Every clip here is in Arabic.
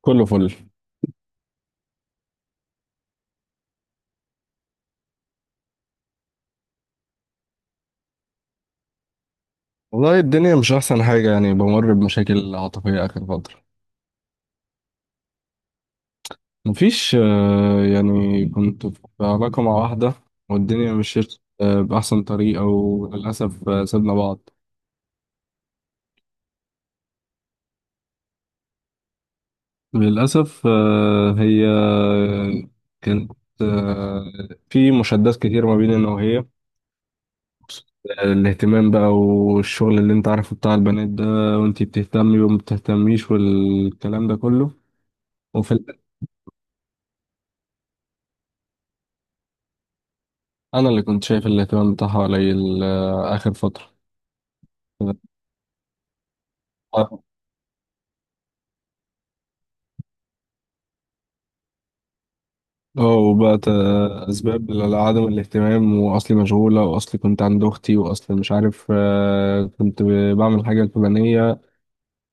كله فل. والله الدنيا مش أحسن حاجة، يعني بمر بمشاكل عاطفية آخر فترة. مفيش. يعني كنت في علاقة مع واحدة والدنيا مشيت بأحسن طريقة، وللأسف سيبنا بعض. للأسف هي كانت آه، في مشادات كتير ما بيننا، وهي الاهتمام بقى والشغل اللي انت عارفه بتاع البنات ده، وانتي بتهتمي وما بتهتميش والكلام ده كله. وفي انا اللي كنت شايف الاهتمام بتاعها قليل اخر فتره. اه، وبقت اسباب لعدم الاهتمام، واصلي مشغوله، واصلي كنت عند اختي، واصلي مش عارف كنت بعمل حاجه الفلانيه،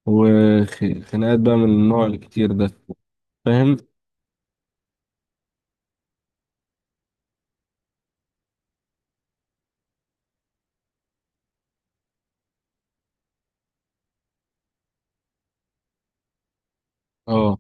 وخناقات بقى من النوع الكتير ده. فاهم. اه،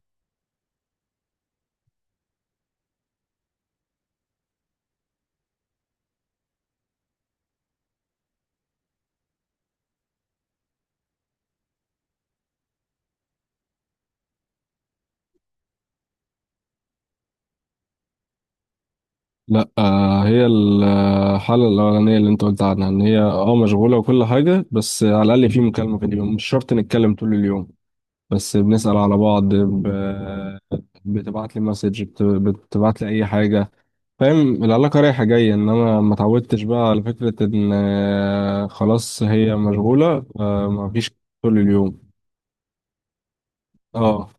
لا هي الحاله الاولانيه اللي انت قلت عنها، ان هي اه مشغوله وكل حاجه، بس على الاقل في مكالمه في اليوم، مش شرط نتكلم طول اليوم، بس بنسأل على بعض، بتبعت لي مسج، بتبعت لي اي حاجه، فاهم؟ العلاقه رايحه جايه، انما ما اتعودتش بقى على فكره ان خلاص هي مشغوله ما فيش طول اليوم. اه.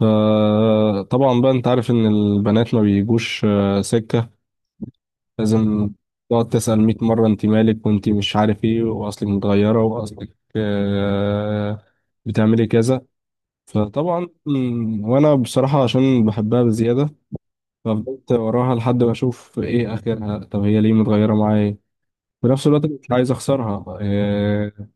فطبعا بقى انت عارف ان البنات ما بيجوش سكه، لازم تقعد تسأل 100 مره انت مالك، وانت مش عارف ايه، واصلك متغيره، واصلك بتعملي كذا. فطبعا، وانا بصراحة عشان بحبها بزيادة، ففضلت وراها لحد ما اشوف ايه اخرها، طب هي ليه متغيرة معايا؟ في نفس الوقت مش عايز اخسرها إيه.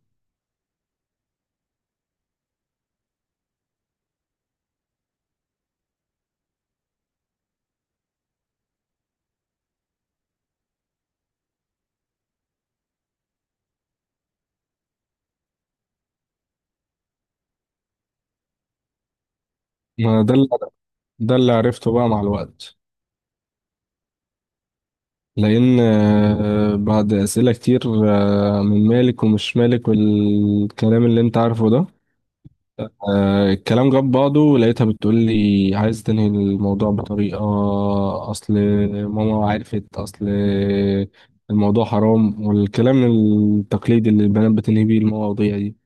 ما ده اللي ده اللي عرفته بقى مع الوقت، لان بعد اسئلة كتير من مالك ومش مالك والكلام اللي انت عارفه ده الكلام جاب بعضه، لقيتها بتقول لي عايز تنهي الموضوع بطريقة. أصل ماما عرفت، أصل الموضوع حرام، والكلام التقليدي اللي البنات بتنهي بيه المواضيع دي.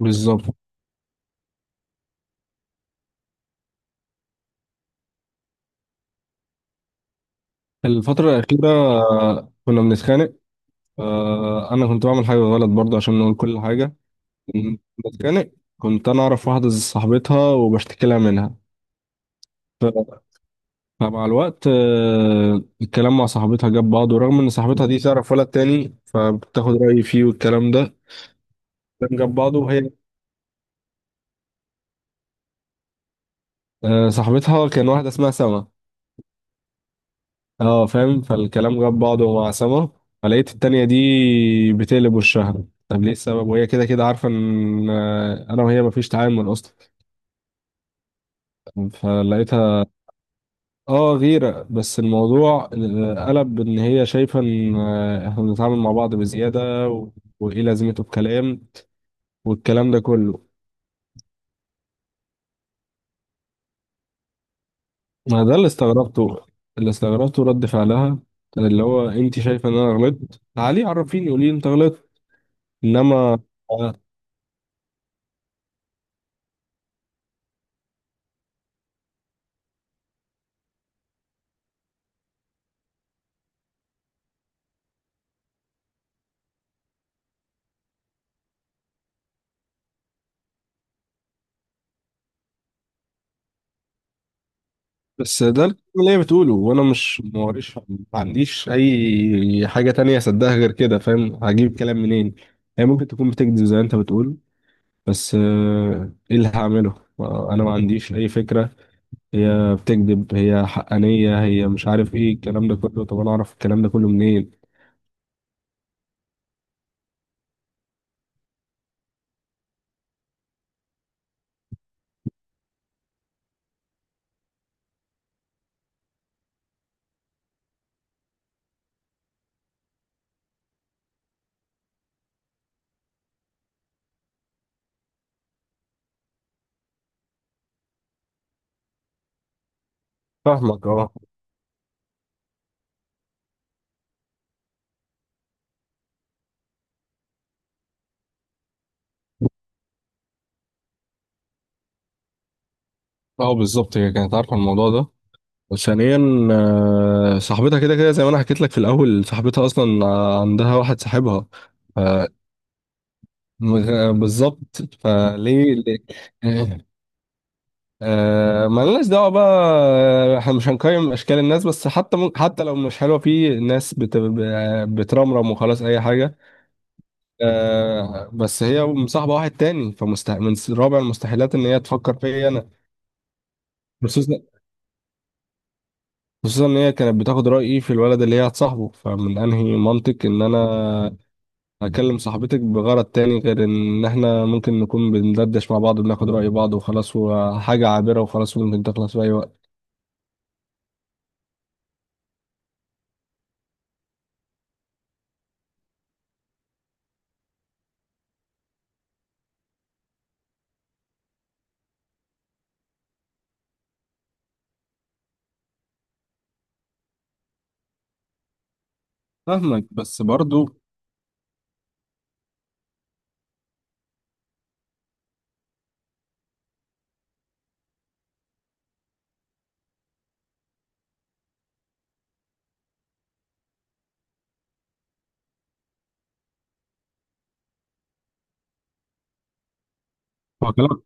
بالظبط. الفترة الأخيرة كنا بنتخانق أنا كنت بعمل حاجة غلط برضه، عشان نقول كل حاجة. كنت بتخانق، كنت أنا أعرف واحدة صاحبتها وبشتكي لها منها. فمع الوقت الكلام مع صاحبتها جاب بعضه، رغم ان صاحبتها دي تعرف ولد تاني فبتاخد رأيي فيه والكلام ده. الكلام جاب بعضه، وهي صاحبتها كان واحدة اسمها سما. اه فاهم، فالكلام جاب بعضه مع سما، فلقيت التانية دي بتقلب وشها، طب ليه السبب؟ وهي كده كده عارفة ان انا وهي مفيش تعامل اصلا. فلقيتها اه، غيرة. بس الموضوع قلب ان هي شايفة ان احنا بنتعامل مع بعض بزيادة، وايه لازمته الكلام والكلام ده كله. ما ده اللي استغربته، اللي استغربته رد فعلها، كان اللي هو انت شايفه ان انا غلطت، تعالي عرفيني، قولي لي انت غلطت، انما آه، بس ده الكلام اللي هي بتقوله، وانا مش موريش، ما عنديش اي حاجه تانية اصدقها غير كده، فاهم؟ هجيب كلام منين؟ هي ممكن تكون بتكذب زي ما انت بتقول، بس ايه اللي هعمله؟ انا ما عنديش اي فكره. هي بتكذب، هي حقانيه، هي مش عارف ايه الكلام ده كله، طب انا اعرف الكلام ده كله منين؟ فاهمك اه. اه بالظبط، هي كانت عارفه الموضوع ده. وثانيا صاحبتها كده كده زي ما انا حكيت لك في الاول، صاحبتها اصلا عندها واحد صاحبها، ف- بالظبط، فليه ليه؟ ما لناش دعوه بقى احنا مش هنقيم اشكال الناس، بس حتى حتى لو مش حلوه في ناس بترمرم وخلاص اي حاجه بس هي مصاحبه واحد تاني، من رابع المستحيلات ان هي تفكر فيا انا. خصوصا، خصوصا ان هي كانت بتاخد رايي في الولد اللي هي هتصاحبه، فمن انهي منطق ان انا هكلم صاحبتك بغرض تاني غير ان احنا ممكن نكون بندردش مع بعض، بناخد رأي بعض وخلاص، وحاجة عابرة وخلاص، وممكن تخلص في اي وقت. فاهمك، بس برضو. هو كلامك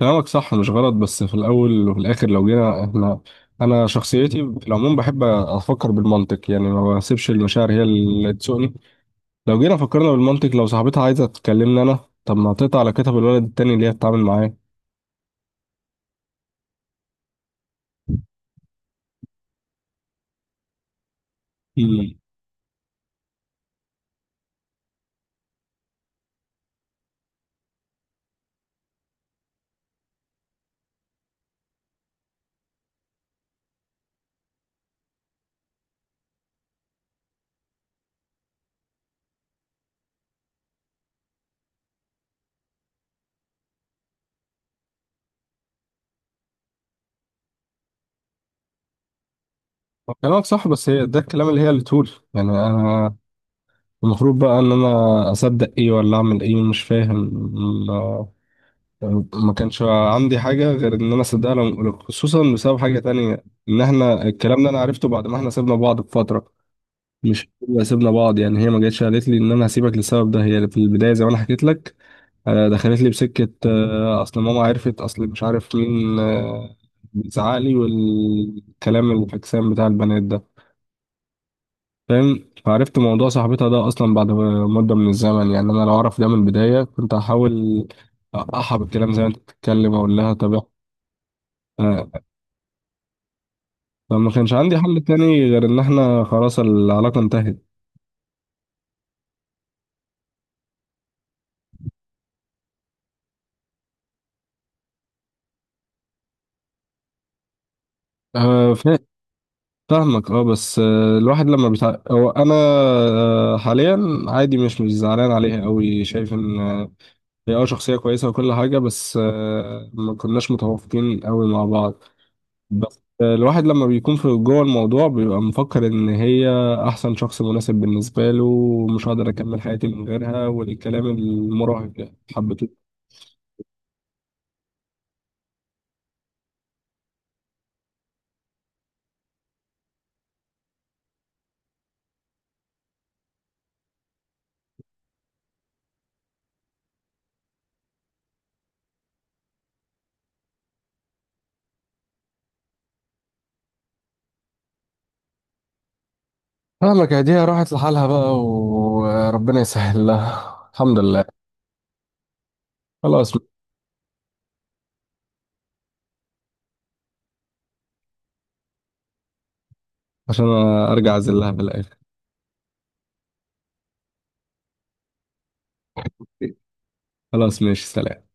كلامك صح مش غلط، بس في الاول وفي الاخر لو جينا احنا، انا شخصيتي في العموم بحب افكر بالمنطق، يعني ما بسيبش المشاعر هي اللي تسوقني. لو جينا فكرنا بالمنطق، لو صاحبتها عايزة تكلمني انا، طب ما تقطع على كتف الولد التاني اللي هي بتتعامل معاه. مم. هو كلامك صح، بس هي ده الكلام اللي هي اللي تقول، يعني انا المفروض بقى ان انا اصدق ايه ولا اعمل ايه، مش فاهم. ما ما كانش عندي حاجه غير ان انا اصدقها لهم، خصوصا بسبب حاجه تانية، ان احنا الكلام ده انا عرفته بعد ما احنا سيبنا بعض بفتره. مش هو سيبنا بعض، يعني هي ما جاتش قالت لي ان انا هسيبك للسبب ده، هي في البدايه زي ما انا حكيت لك دخلت لي بسكه اصل ماما عرفت، اصل مش عارف مين بيزعق لي، والكلام الفكسان بتاع البنات ده، فاهم؟ فعرفت موضوع صاحبتها ده اصلا بعد مده من الزمن، يعني انا لو اعرف ده من البدايه كنت هحاول اقحى بالكلام زي ما انت بتتكلم، اقول لها طب إحنا- فما كانش عندي حل تاني غير ان احنا خلاص العلاقه انتهت آه، فا- فاهمك اه. بس الواحد لما بتاع، هو انا حاليا عادي، مش زعلان عليها قوي، شايف ان هي اه شخصيه كويسه وكل حاجه، بس ما كناش متوافقين قوي مع بعض. بس الواحد لما بيكون في جوه الموضوع بيبقى مفكر ان هي احسن شخص مناسب بالنسبه له، ومش هقدر اكمل حياتي من غيرها، والكلام المراهق ده حبته. فاهمك، يا دي راحت لحالها بقى، وربنا يسهل لها، الحمد لله. خلاص، عشان ارجع اعزلها في الاخر. خلاص ماشي، سلام.